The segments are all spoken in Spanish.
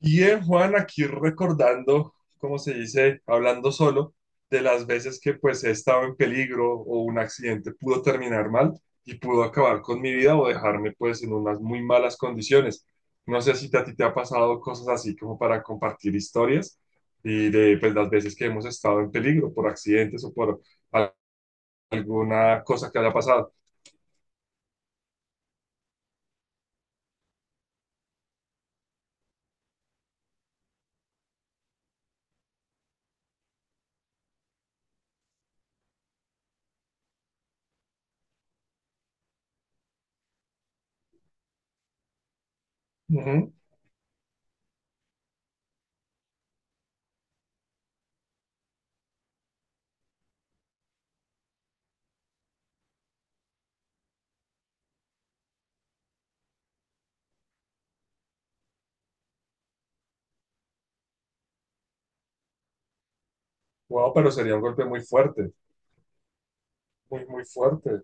Bien, Juan, aquí recordando, como se dice, hablando solo, de las veces que pues he estado en peligro o un accidente pudo terminar mal y pudo acabar con mi vida o dejarme pues en unas muy malas condiciones. No sé si a ti te ha pasado cosas así como para compartir historias y de pues las veces que hemos estado en peligro por accidentes o por al- alguna cosa que haya pasado. Ujú. Wow, pero sería un golpe muy fuerte, muy, muy fuerte,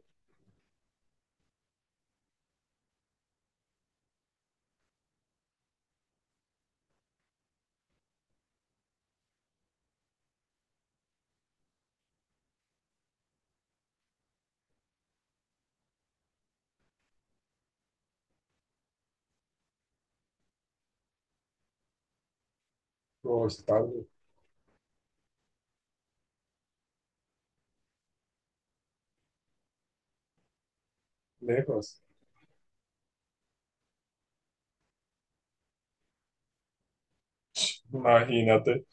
o estable, lejos, imagínate.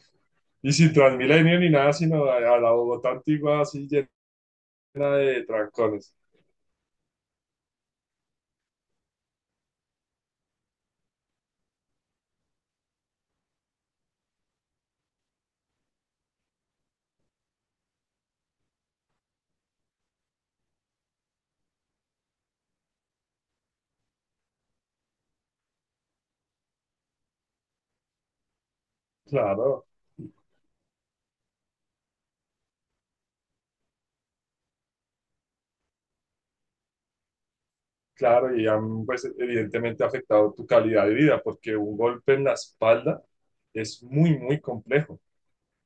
Y sin Transmilenio ni nada, sino a la Bogotá antigua así llena de trancones. Claro, claro, y han, pues, evidentemente afectado tu calidad de vida, porque un golpe en la espalda es muy, muy complejo.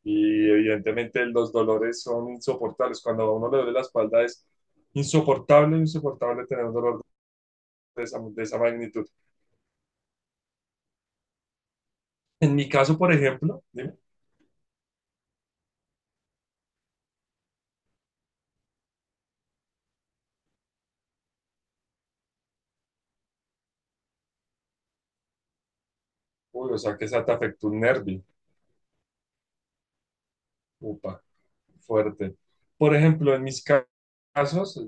Y evidentemente los dolores son insoportables. Cuando a uno le duele la espalda es insoportable, insoportable tener un dolor de esa magnitud. En mi caso, por ejemplo, dime, uy, o sea que esa te afectó un nervio. Upa. Fuerte. Por ejemplo, en mis casos,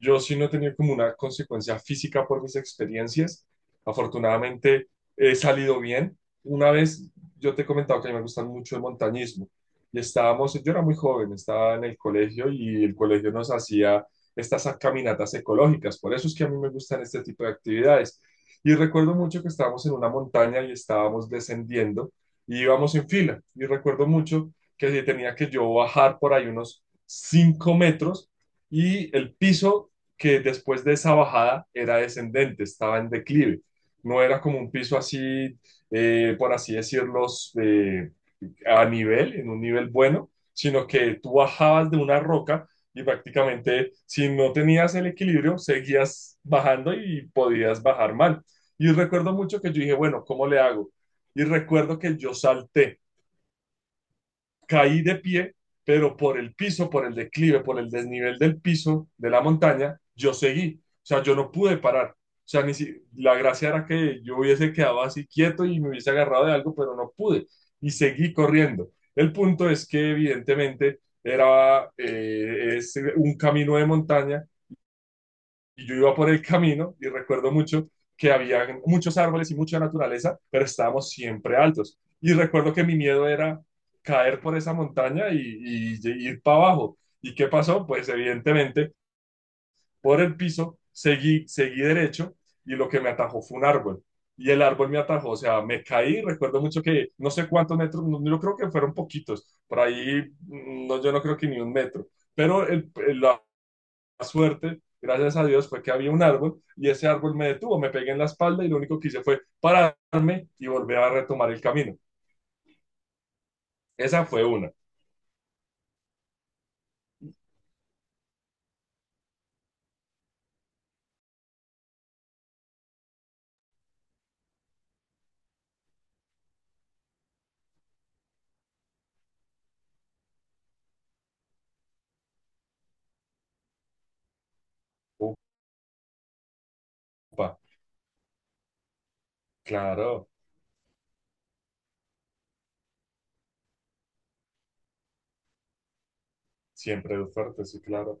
yo sí no he tenido como una consecuencia física por mis experiencias. Afortunadamente he salido bien. Una vez yo te he comentado que a mí me gustan mucho el montañismo y estábamos, yo era muy joven, estaba en el colegio y el colegio nos hacía estas caminatas ecológicas. Por eso es que a mí me gustan este tipo de actividades. Y recuerdo mucho que estábamos en una montaña y estábamos descendiendo y íbamos en fila. Y recuerdo mucho que se tenía que yo bajar por ahí unos 5 metros, y el piso que después de esa bajada era descendente, estaba en declive. No era como un piso así, por así decirlo, eh, a nivel, en un nivel bueno, sino que tú bajabas de una roca y prácticamente si no tenías el equilibrio, seguías bajando y podías bajar mal. Y recuerdo mucho que yo dije, bueno, ¿cómo le hago? Y recuerdo que yo salté, caí de pie, pero por el piso, por el declive, por el desnivel del piso de la montaña, yo seguí. O sea, yo no pude parar. O sea, ni si, la gracia era que yo hubiese quedado así quieto y me hubiese agarrado de algo, pero no pude. Y seguí corriendo. El punto es que evidentemente era, es un camino de montaña y yo iba por el camino y recuerdo mucho que había muchos árboles y mucha naturaleza, pero estábamos siempre altos. Y recuerdo que mi miedo era caer por esa montaña y ir para abajo. ¿Y qué pasó? Pues evidentemente por el piso seguí derecho, y lo que me atajó fue un árbol. Y el árbol me atajó, o sea, me caí. Recuerdo mucho que no sé cuántos metros, no, yo creo que fueron poquitos, por ahí, no, yo no creo que ni un metro, pero el suerte, gracias a Dios, fue que había un árbol y ese árbol me detuvo, me pegué en la espalda y lo único que hice fue pararme y volver a retomar el camino. Esa fue una. Upa, claro, siempre fuerte, sí, claro.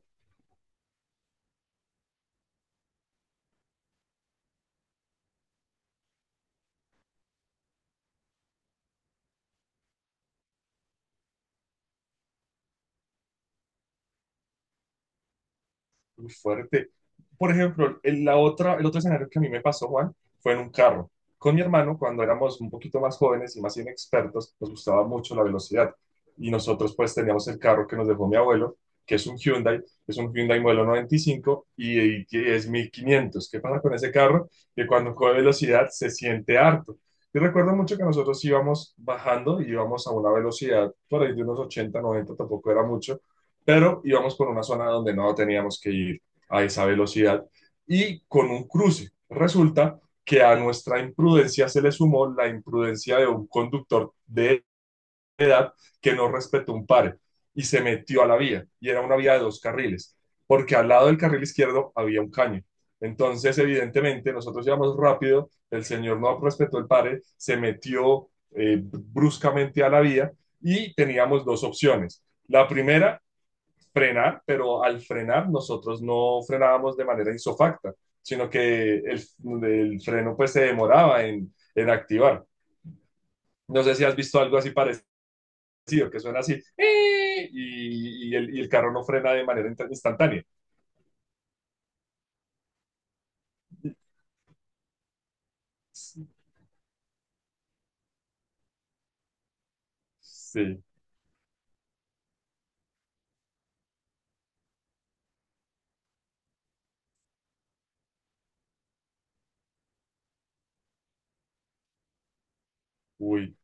Muy fuerte. Por ejemplo, el otro escenario que a mí me pasó, Juan, fue en un carro. Con mi hermano, cuando éramos un poquito más jóvenes y más inexpertos, nos gustaba mucho la velocidad. Y nosotros pues teníamos el carro que nos dejó mi abuelo, que es un Hyundai modelo 95 y que es 1500. ¿Qué pasa con ese carro? Que cuando coge velocidad se siente harto. Yo recuerdo mucho que nosotros íbamos bajando, íbamos a una velocidad por ahí de unos ochenta, noventa, tampoco era mucho, pero íbamos por una zona donde no teníamos que ir a esa velocidad y con un cruce. Resulta que a nuestra imprudencia se le sumó la imprudencia de un conductor de edad que no respetó un pare y se metió a la vía, y era una vía de dos carriles, porque al lado del carril izquierdo había un caño. Entonces, evidentemente, nosotros íbamos rápido, el señor no respetó el pare, se metió bruscamente a la vía y teníamos dos opciones. La primera, frenar, pero al frenar nosotros no frenábamos de manera isofacta, sino que el freno pues se demoraba en, activar. No sé si has visto algo así parecido, que suena así, ¡eh! y el carro no frena de manera instantánea. Sí, uy,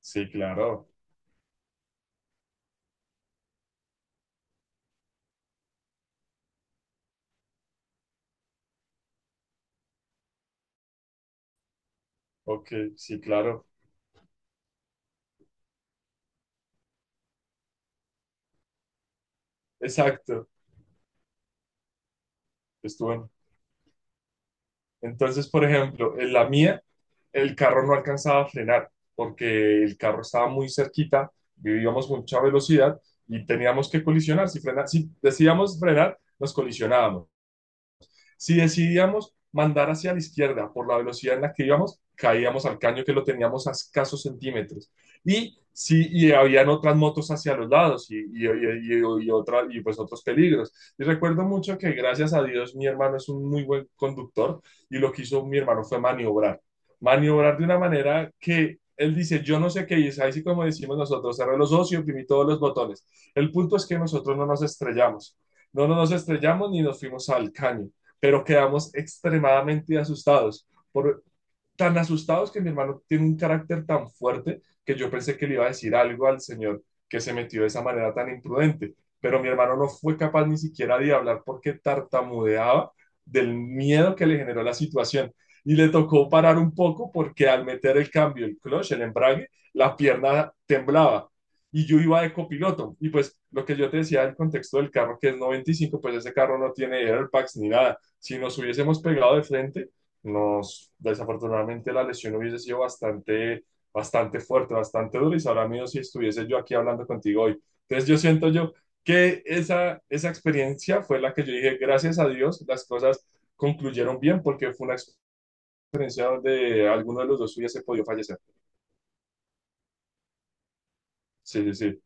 sí, claro. Ok, sí, claro. Exacto. Estuvo Entonces, por ejemplo, en la mía el carro no alcanzaba a frenar porque el carro estaba muy cerquita, vivíamos mucha velocidad y teníamos que colisionar. Si decidíamos frenar, nos colisionábamos. Si decidíamos mandar hacia la izquierda por la velocidad en la que íbamos, caíamos al caño que lo teníamos a escasos centímetros. Y sí, y habían otras motos hacia los lados y pues otros peligros. Y recuerdo mucho que gracias a Dios mi hermano es un muy buen conductor, y lo que hizo mi hermano fue maniobrar. Maniobrar de una manera que él dice, yo no sé qué hice, así como decimos nosotros, cerré los ojos y oprimí todos los botones. El punto es que nosotros no nos estrellamos. No, no nos estrellamos ni nos fuimos al caño, pero quedamos extremadamente asustados. Por tan asustados que mi hermano tiene un carácter tan fuerte, que yo pensé que le iba a decir algo al señor que se metió de esa manera tan imprudente. Pero mi hermano no fue capaz ni siquiera de hablar porque tartamudeaba del miedo que le generó la situación. Y le tocó parar un poco porque al meter el cambio, el clutch, el embrague, la pierna temblaba. Y yo iba de copiloto. Y pues lo que yo te decía del contexto del carro, que es 95, pues ese carro no tiene airbags ni nada. Si nos hubiésemos pegado de frente, desafortunadamente la lesión hubiese sido bastante, bastante fuerte, bastante dura, y sabrá mío si estuviese yo aquí hablando contigo hoy. Entonces yo siento yo que esa experiencia fue la que yo dije, gracias a Dios, las cosas concluyeron bien, porque fue una experiencia donde alguno de los dos hubiese podido fallecer. Sí, sí, sí,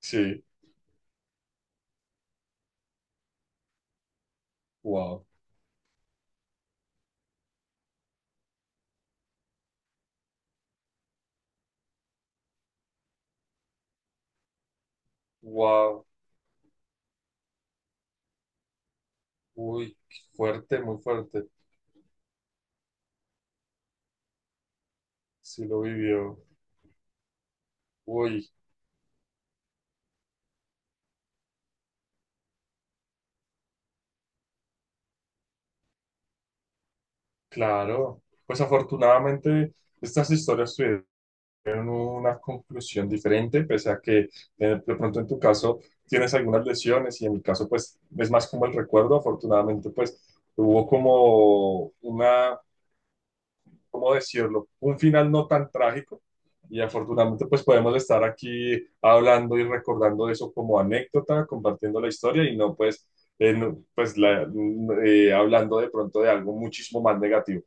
sí, wow, wow, uy, fuerte, muy fuerte, sí lo vivió, uy, claro, pues afortunadamente estas historias tuvieron tienen una conclusión diferente, pese a que de pronto en tu caso tienes algunas lesiones y en mi caso pues es más como el recuerdo. Afortunadamente pues hubo como una, ¿cómo decirlo? Un final no tan trágico, y afortunadamente pues podemos estar aquí hablando y recordando eso como anécdota, compartiendo la historia y no pues, no, pues hablando de pronto de algo muchísimo más negativo.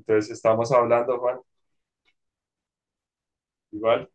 Entonces estamos hablando, Juan, igual.